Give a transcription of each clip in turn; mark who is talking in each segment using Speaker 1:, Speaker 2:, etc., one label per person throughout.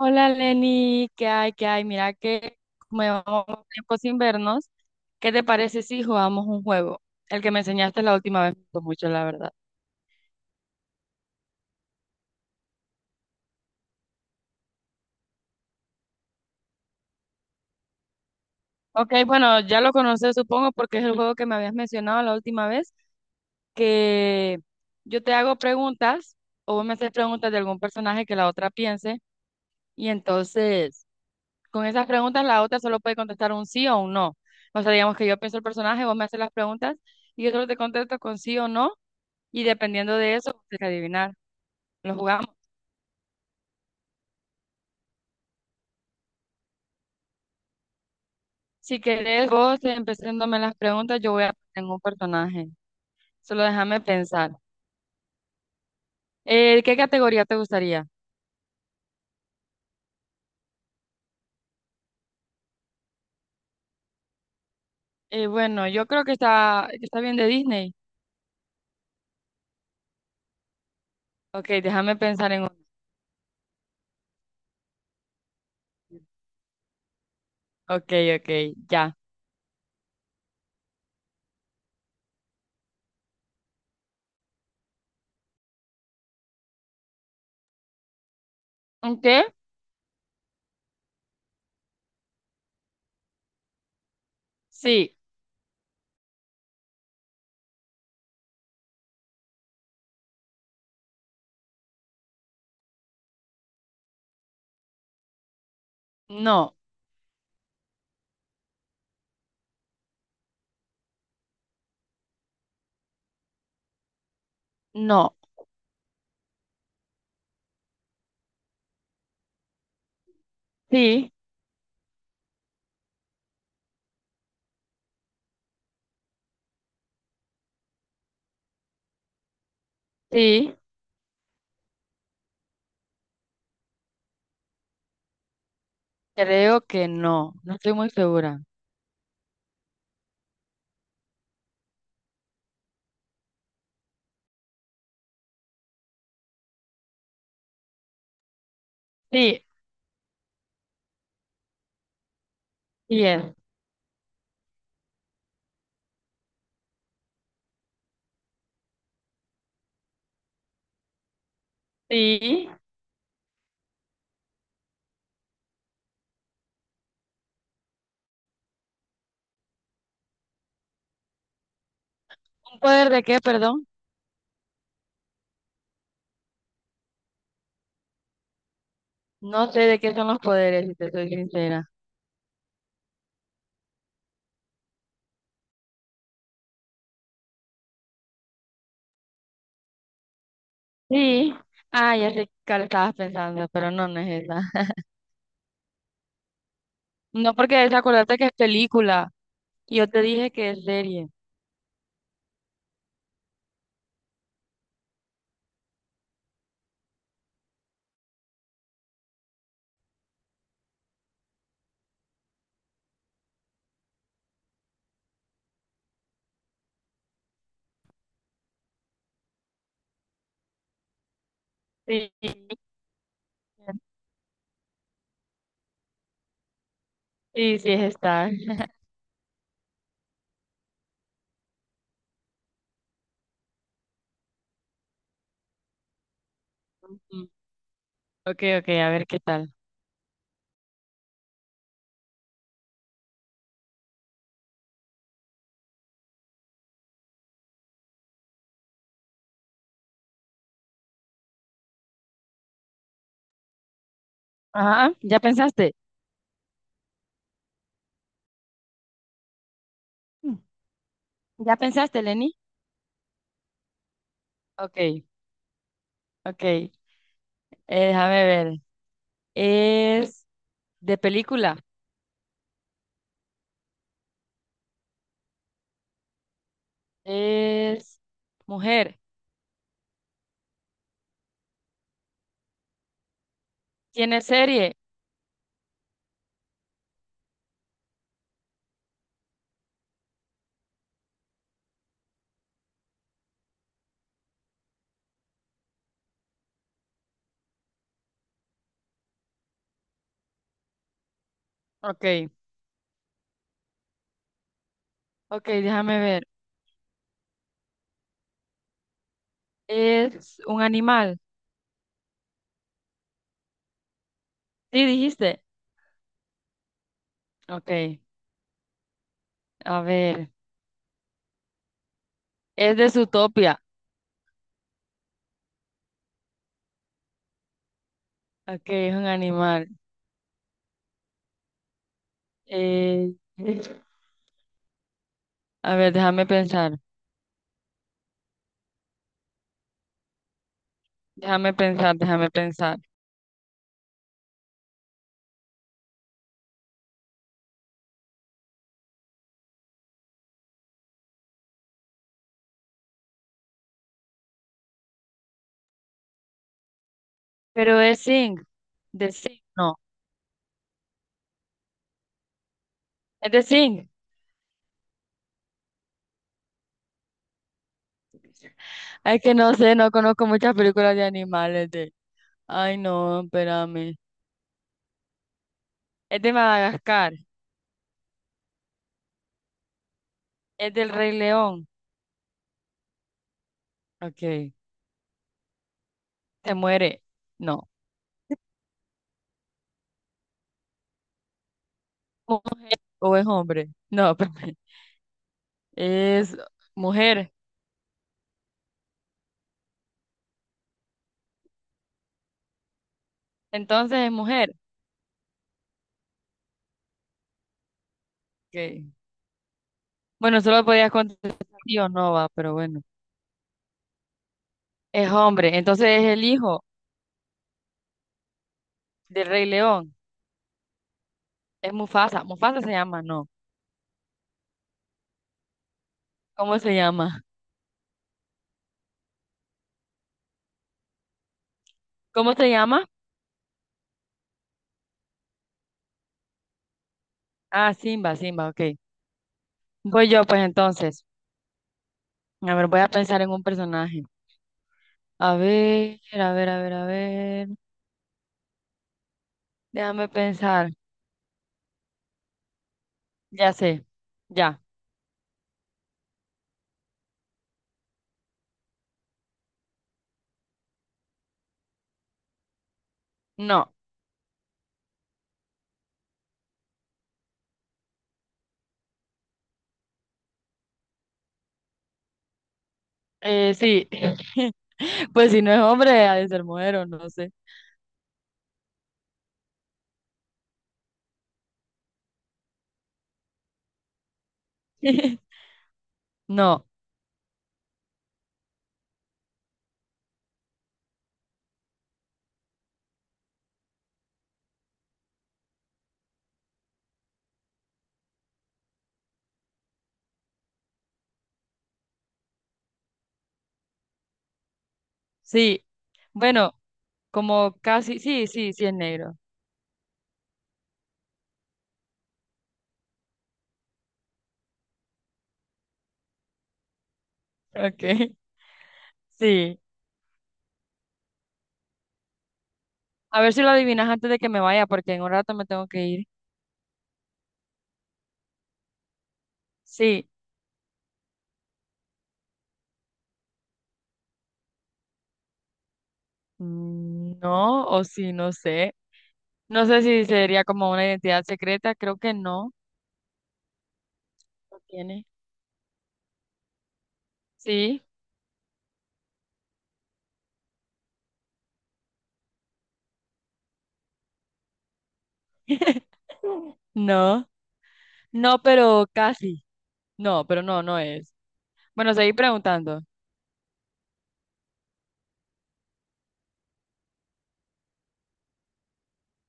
Speaker 1: Hola Lenny, ¿qué hay? ¿Qué hay? Mira que como llevamos tiempo sin vernos, ¿qué te parece si jugamos un juego? El que me enseñaste la última vez me gustó mucho, la verdad. Ok, bueno, ya lo conoces supongo porque es el juego que me habías mencionado la última vez, que yo te hago preguntas o vos me haces preguntas de algún personaje que la otra piense y entonces con esas preguntas la otra solo puede contestar un sí o un no. O sea, digamos que yo pienso el personaje, vos me haces las preguntas y yo solo te contesto con sí o no. Y dependiendo de eso, usted tiene que adivinar. Lo jugamos. Si querés, vos empezándome las preguntas, yo voy a pensar en un personaje. Solo déjame pensar. ¿Qué categoría te gustaría? Bueno, yo creo que que está bien de Disney. Ok, déjame pensar en uno. Ok, ok, ya. ¿Un qué? Sí, no, no. Sí, sí, creo que no. No estoy muy segura. Sí, sí es. Sí. ¿Un poder de qué, perdón? No sé de qué son los poderes, si te soy sincera. Sí. Ah, ya sé cuál estabas pensando, pero no, no es esa. No, porque es, acordate que es película. Y yo te dije que es serie. Sí, sí, sí, es esta. Ujú. Ok, ok, a ver qué tal. Ajá, ¿ya pensaste? Mm. ¿Ya pensaste, Lenny? Ok, ok. Déjame ver. Es de película. Es mujer. ¿Tiene serie? Ok, ok, déjame ver. ¿Es un animal? Sí, dijiste. Ok, a ver. Es de Zootopia. Ok, es un animal. Eh, a ver, déjame pensar. Déjame pensar, déjame pensar. Pero es Sing. De Sing, no. Es de Sing. Es que no sé, no conozco muchas películas de animales de. Ay, no, espérame. Es de Madagascar. Es del Rey León. Ok. Se muere. No. ¿O o es hombre? No, espérame. Es mujer. Entonces es mujer. Ok. Bueno, solo podías contestar sí o no, va, pero bueno. Es hombre, entonces es el hijo del Rey León. Es Mufasa. Mufasa se llama, no. ¿Cómo se llama? ¿Cómo se llama? Ah, Simba, Simba, ok. Voy yo, pues entonces. A ver, voy a pensar en un personaje. A ver, a ver, a ver, a ver. Déjame pensar. Ya sé. Ya. No. Sí. Pues si no es hombre, ha de ser mujer o no sé. No. Sí. Bueno, como casi. Sí, sí, sí es negro. Ok. Sí. A ver si lo adivinas antes de que me vaya, porque en un rato me tengo que ir. Sí, mm, no, o sí, no sé. No sé si sería como una identidad secreta, creo que no. ¿Lo tiene? Sí. No, no, pero casi. No, pero no, no es. Bueno, seguí preguntando.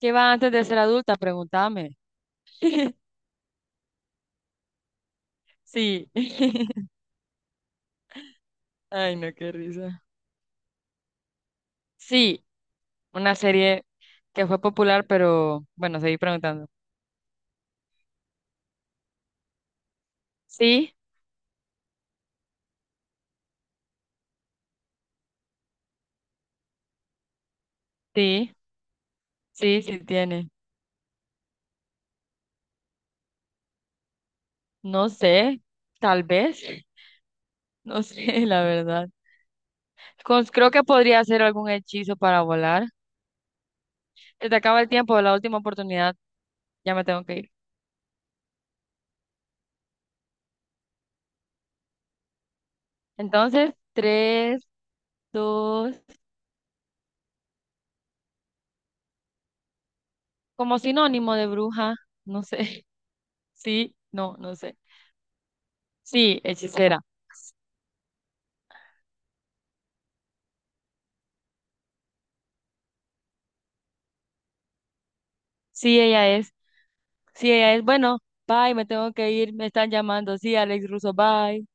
Speaker 1: ¿Qué va antes de ser adulta? Pregúntame. Sí. Ay, no, qué risa. Sí, una serie que fue popular, pero bueno, seguí preguntando. Sí, sí, sí, sí tiene. No sé, tal vez, no sé, la verdad. Cons- creo que podría hacer algún hechizo para volar. Se te acaba el tiempo, la última oportunidad, ya me tengo que ir. Entonces, tres, dos, como sinónimo de bruja, no sé. Sí, no, no sé. Sí, hechicera. Sí, ella es. Sí, ella es. Bueno, bye, me tengo que ir, me están llamando. Sí, Alex Russo, bye.